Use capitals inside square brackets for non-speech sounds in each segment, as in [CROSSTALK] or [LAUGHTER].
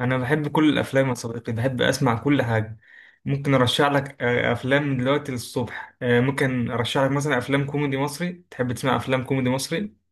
انا بحب كل الافلام يا صديقي، بحب اسمع كل حاجه. ممكن ارشح لك افلام من دلوقتي للصبح. ممكن ارشح لك مثلا افلام كوميدي مصري. تحب تسمع افلام كوميدي مصري؟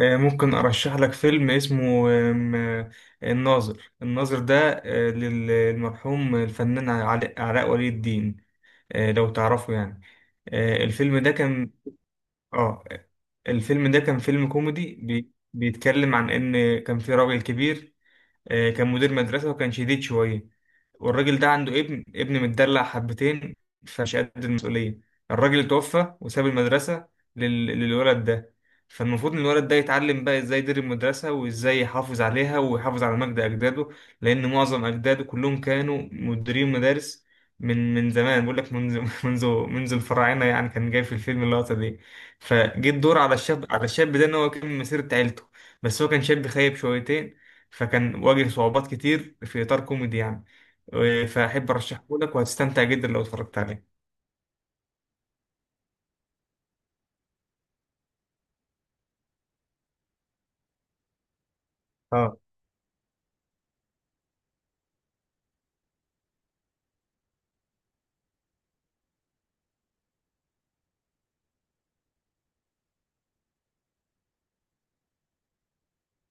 ممكن ارشح لك فيلم اسمه آم، آه، الناظر. ده للمرحوم الفنان علاء ولي الدين. لو تعرفه يعني. آه، الفيلم ده كان اه الفيلم ده كان فيلم كوميدي، بيتكلم عن ان كان في راجل كبير. كان مدير مدرسة وكان شديد شوية. والراجل ده عنده ابن متدلع حبتين، فمش قد المسؤولية. الراجل توفى وساب المدرسة للولد ده. فالمفروض ان الولد ده يتعلم بقى ازاي يدير المدرسة وازاي يحافظ عليها ويحافظ على مجد اجداده، لان معظم اجداده كلهم كانوا مديرين مدارس من زمان. بقول لك منذ [LAUGHS] منذ الفراعنة، يعني كان جاي في الفيلم اللقطة دي. فجه الدور على الشاب، على الشاب ده ان هو يكمل مسيرة عيلته، بس هو كان شاب خايب شويتين، فكان واجه صعوبات كتير في إطار كوميدي يعني. فأحب أرشحه لك وهتستمتع جدا لو اتفرجت عليه. اه.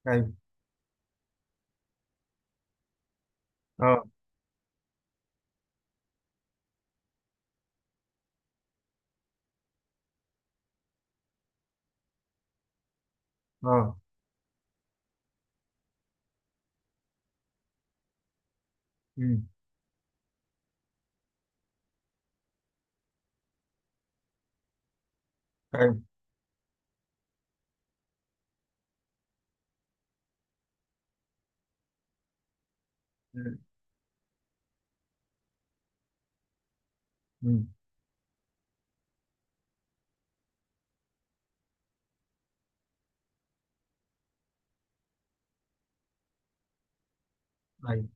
ايوه. اه. اه. امم. ايوه. امم. ايوه.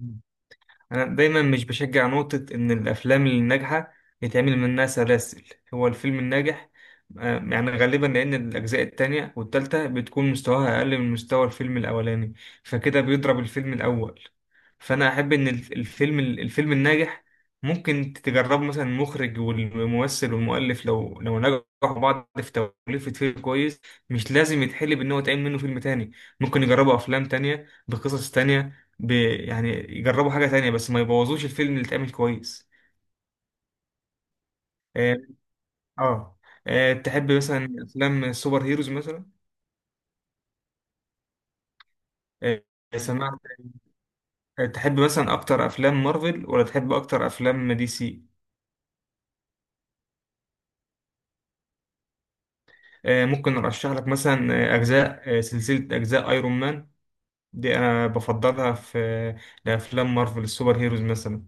مم. أنا دايما مش بشجع نقطة إن الأفلام الناجحة يتعمل منها سلاسل. هو الفيلم الناجح يعني غالبا لأن الأجزاء التانية والتالتة بتكون مستواها أقل من مستوى الفيلم الأولاني، فكده بيضرب الفيلم الأول. فأنا أحب إن الفيلم، الفيلم الناجح ممكن تجربه مثلا، المخرج والممثل والمؤلف لو نجحوا بعض في توليفة فيلم كويس، مش لازم يتحلب إن هو يتعمل منه فيلم تاني. ممكن يجربوا أفلام تانية بقصص تانية، يعني يجربوا حاجة تانية، بس ما يبوظوش الفيلم اللي اتعمل كويس. اه. آه. تحب مثلا افلام السوبر هيروز مثلا؟ آه، سمعت. تحب مثلا اكتر افلام مارفل ولا تحب اكتر افلام دي سي؟ ممكن ارشح لك مثلا اجزاء، سلسلة اجزاء ايرون مان. دي انا بفضلها في لافلام مارفل السوبر هيروز مثلا.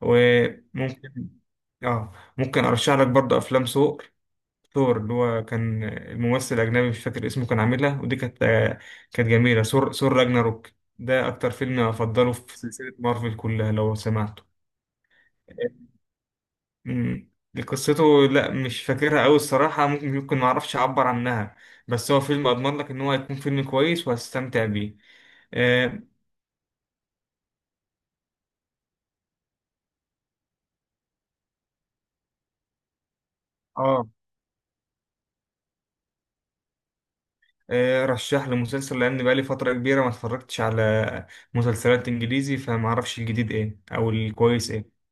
وممكن، اه، ممكن ارشح لك برضو افلام ثور، اللي هو كان الممثل الأجنبي، مش فاكر اسمه، كان عاملها، ودي كانت كانت جميلة. ثور، راجناروك، ده أكتر فيلم أفضله في سلسلة مارفل كلها لو سمعته. مم. قصته لا، مش فاكرها أوي الصراحة. ممكن معرفش أعبر عنها، بس هو فيلم أضمن لك إن هو هيكون فيلم كويس وهستمتع بيه. آه. آه. رشح لي مسلسل لأن بقالي فترة كبيرة ما اتفرجتش على مسلسلات إنجليزي، فمعرفش الجديد إيه أو الكويس إيه.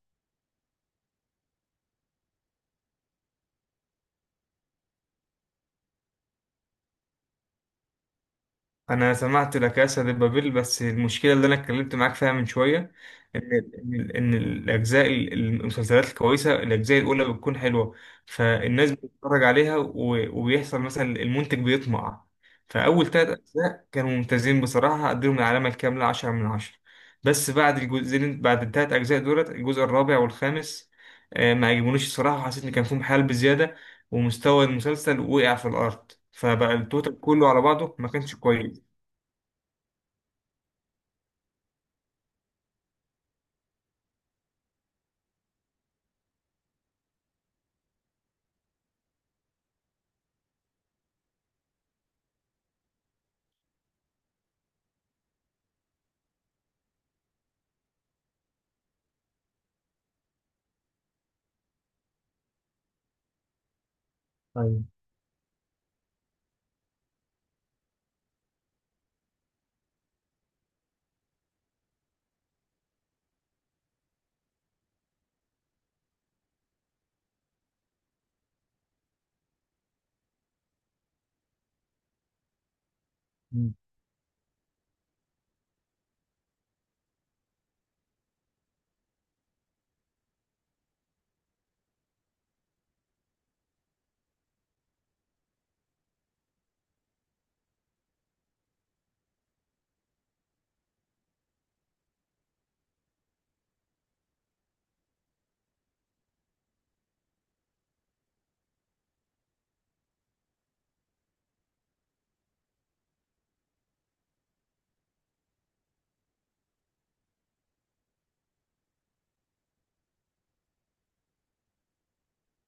انا سمعت لا كاسا دي بابيل، بس المشكله اللي انا اتكلمت معاك فيها من شويه، ان ان ان الاجزاء المسلسلات الكويسه، الاجزاء الاولى بتكون حلوه، فالناس بتتفرج عليها وبيحصل مثلا المنتج بيطمع. فاول ثلاث اجزاء كانوا ممتازين بصراحه، اديهم العلامه الكامله 10 من 10. بس بعد الجزئين، بعد الثلاث اجزاء دولت، الجزء الرابع والخامس ما عجبونيش الصراحه. حسيت ان كان فيهم حال بزياده، ومستوى المسلسل وقع في الارض، فبقى التوتال كله على بعضه ما كانش كويس. طيب. مم.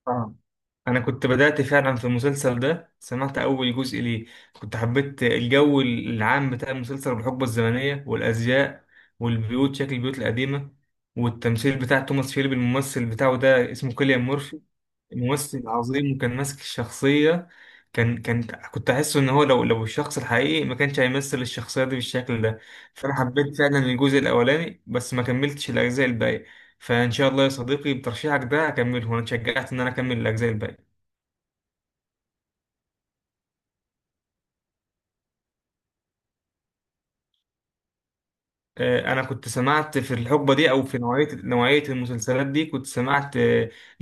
اه، انا كنت بدأت فعلا في المسلسل ده، سمعت اول جزء ليه. كنت حبيت الجو العام بتاع المسلسل، والحقبة الزمنية، والازياء، والبيوت، شكل البيوت القديمة، والتمثيل بتاع توماس شيلبي. الممثل بتاعه ده اسمه كيليان مورفي، ممثل عظيم وكان ماسك الشخصية. كان كنت أحسه إن هو لو، الشخص الحقيقي ما كانش هيمثل الشخصية دي بالشكل ده. فأنا حبيت فعلا الجزء الأولاني بس ما كملتش الأجزاء الباقية، فإن شاء الله يا صديقي بترشيحك ده هكمله، وأنا اتشجعت إن أنا أكمل الأجزاء الباقية. أنا كنت سمعت في الحقبة دي، أو في نوعية المسلسلات دي كنت سمعت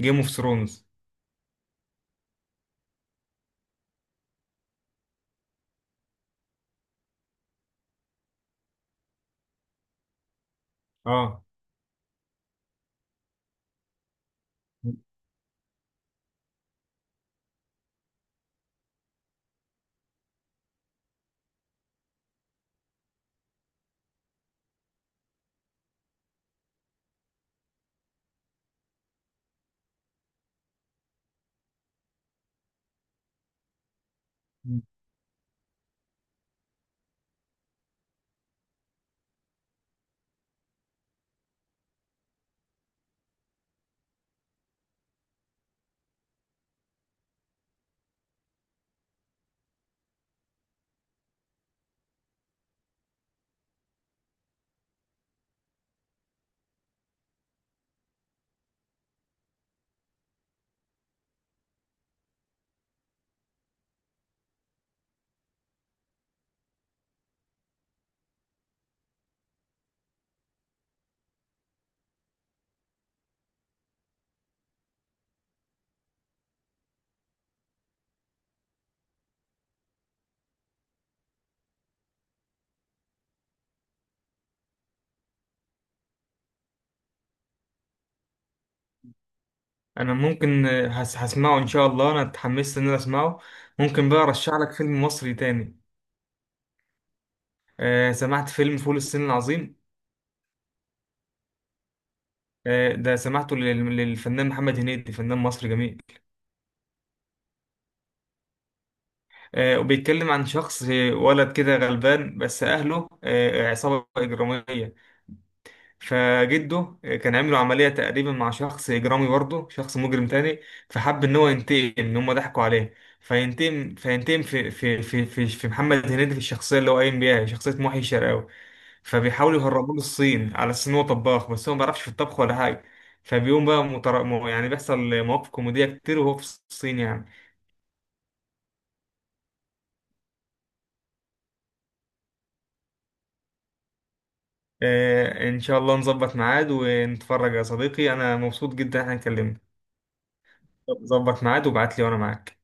جيم اوف ثرونز. اه Game of Thrones. آه. أنا ممكن هسمعه إن شاء الله، أنا اتحمست إن أنا أسمعه. ممكن بقى أرشح لك فيلم مصري تاني؟ سمعت فيلم فول الصين العظيم؟ ده سمعته للفنان محمد هنيدي، فنان مصري جميل. وبيتكلم عن شخص، ولد كده غلبان بس أهله عصابة إجرامية. فجده كان عامله عملية تقريبا مع شخص إجرامي، برضه شخص مجرم تاني، فحب إن هو ينتقم إن هما ضحكوا عليه. فينتقم في محمد هنيدي، في الشخصية اللي هو قايم بيها، شخصية محي الشرقاوي. فبيحاولوا يهربوه للصين على أساس إن هو طباخ، بس هو ما بيعرفش في الطبخ ولا حاجة. فبيقوم بقى يعني بيحصل مواقف كوميدية كتير وهو في الصين يعني. آه، إن شاء الله نظبط ميعاد ونتفرج يا صديقي. أنا مبسوط جدا إن إحنا اتكلمنا. ظبط ميعاد وابعت لي وأنا معاك.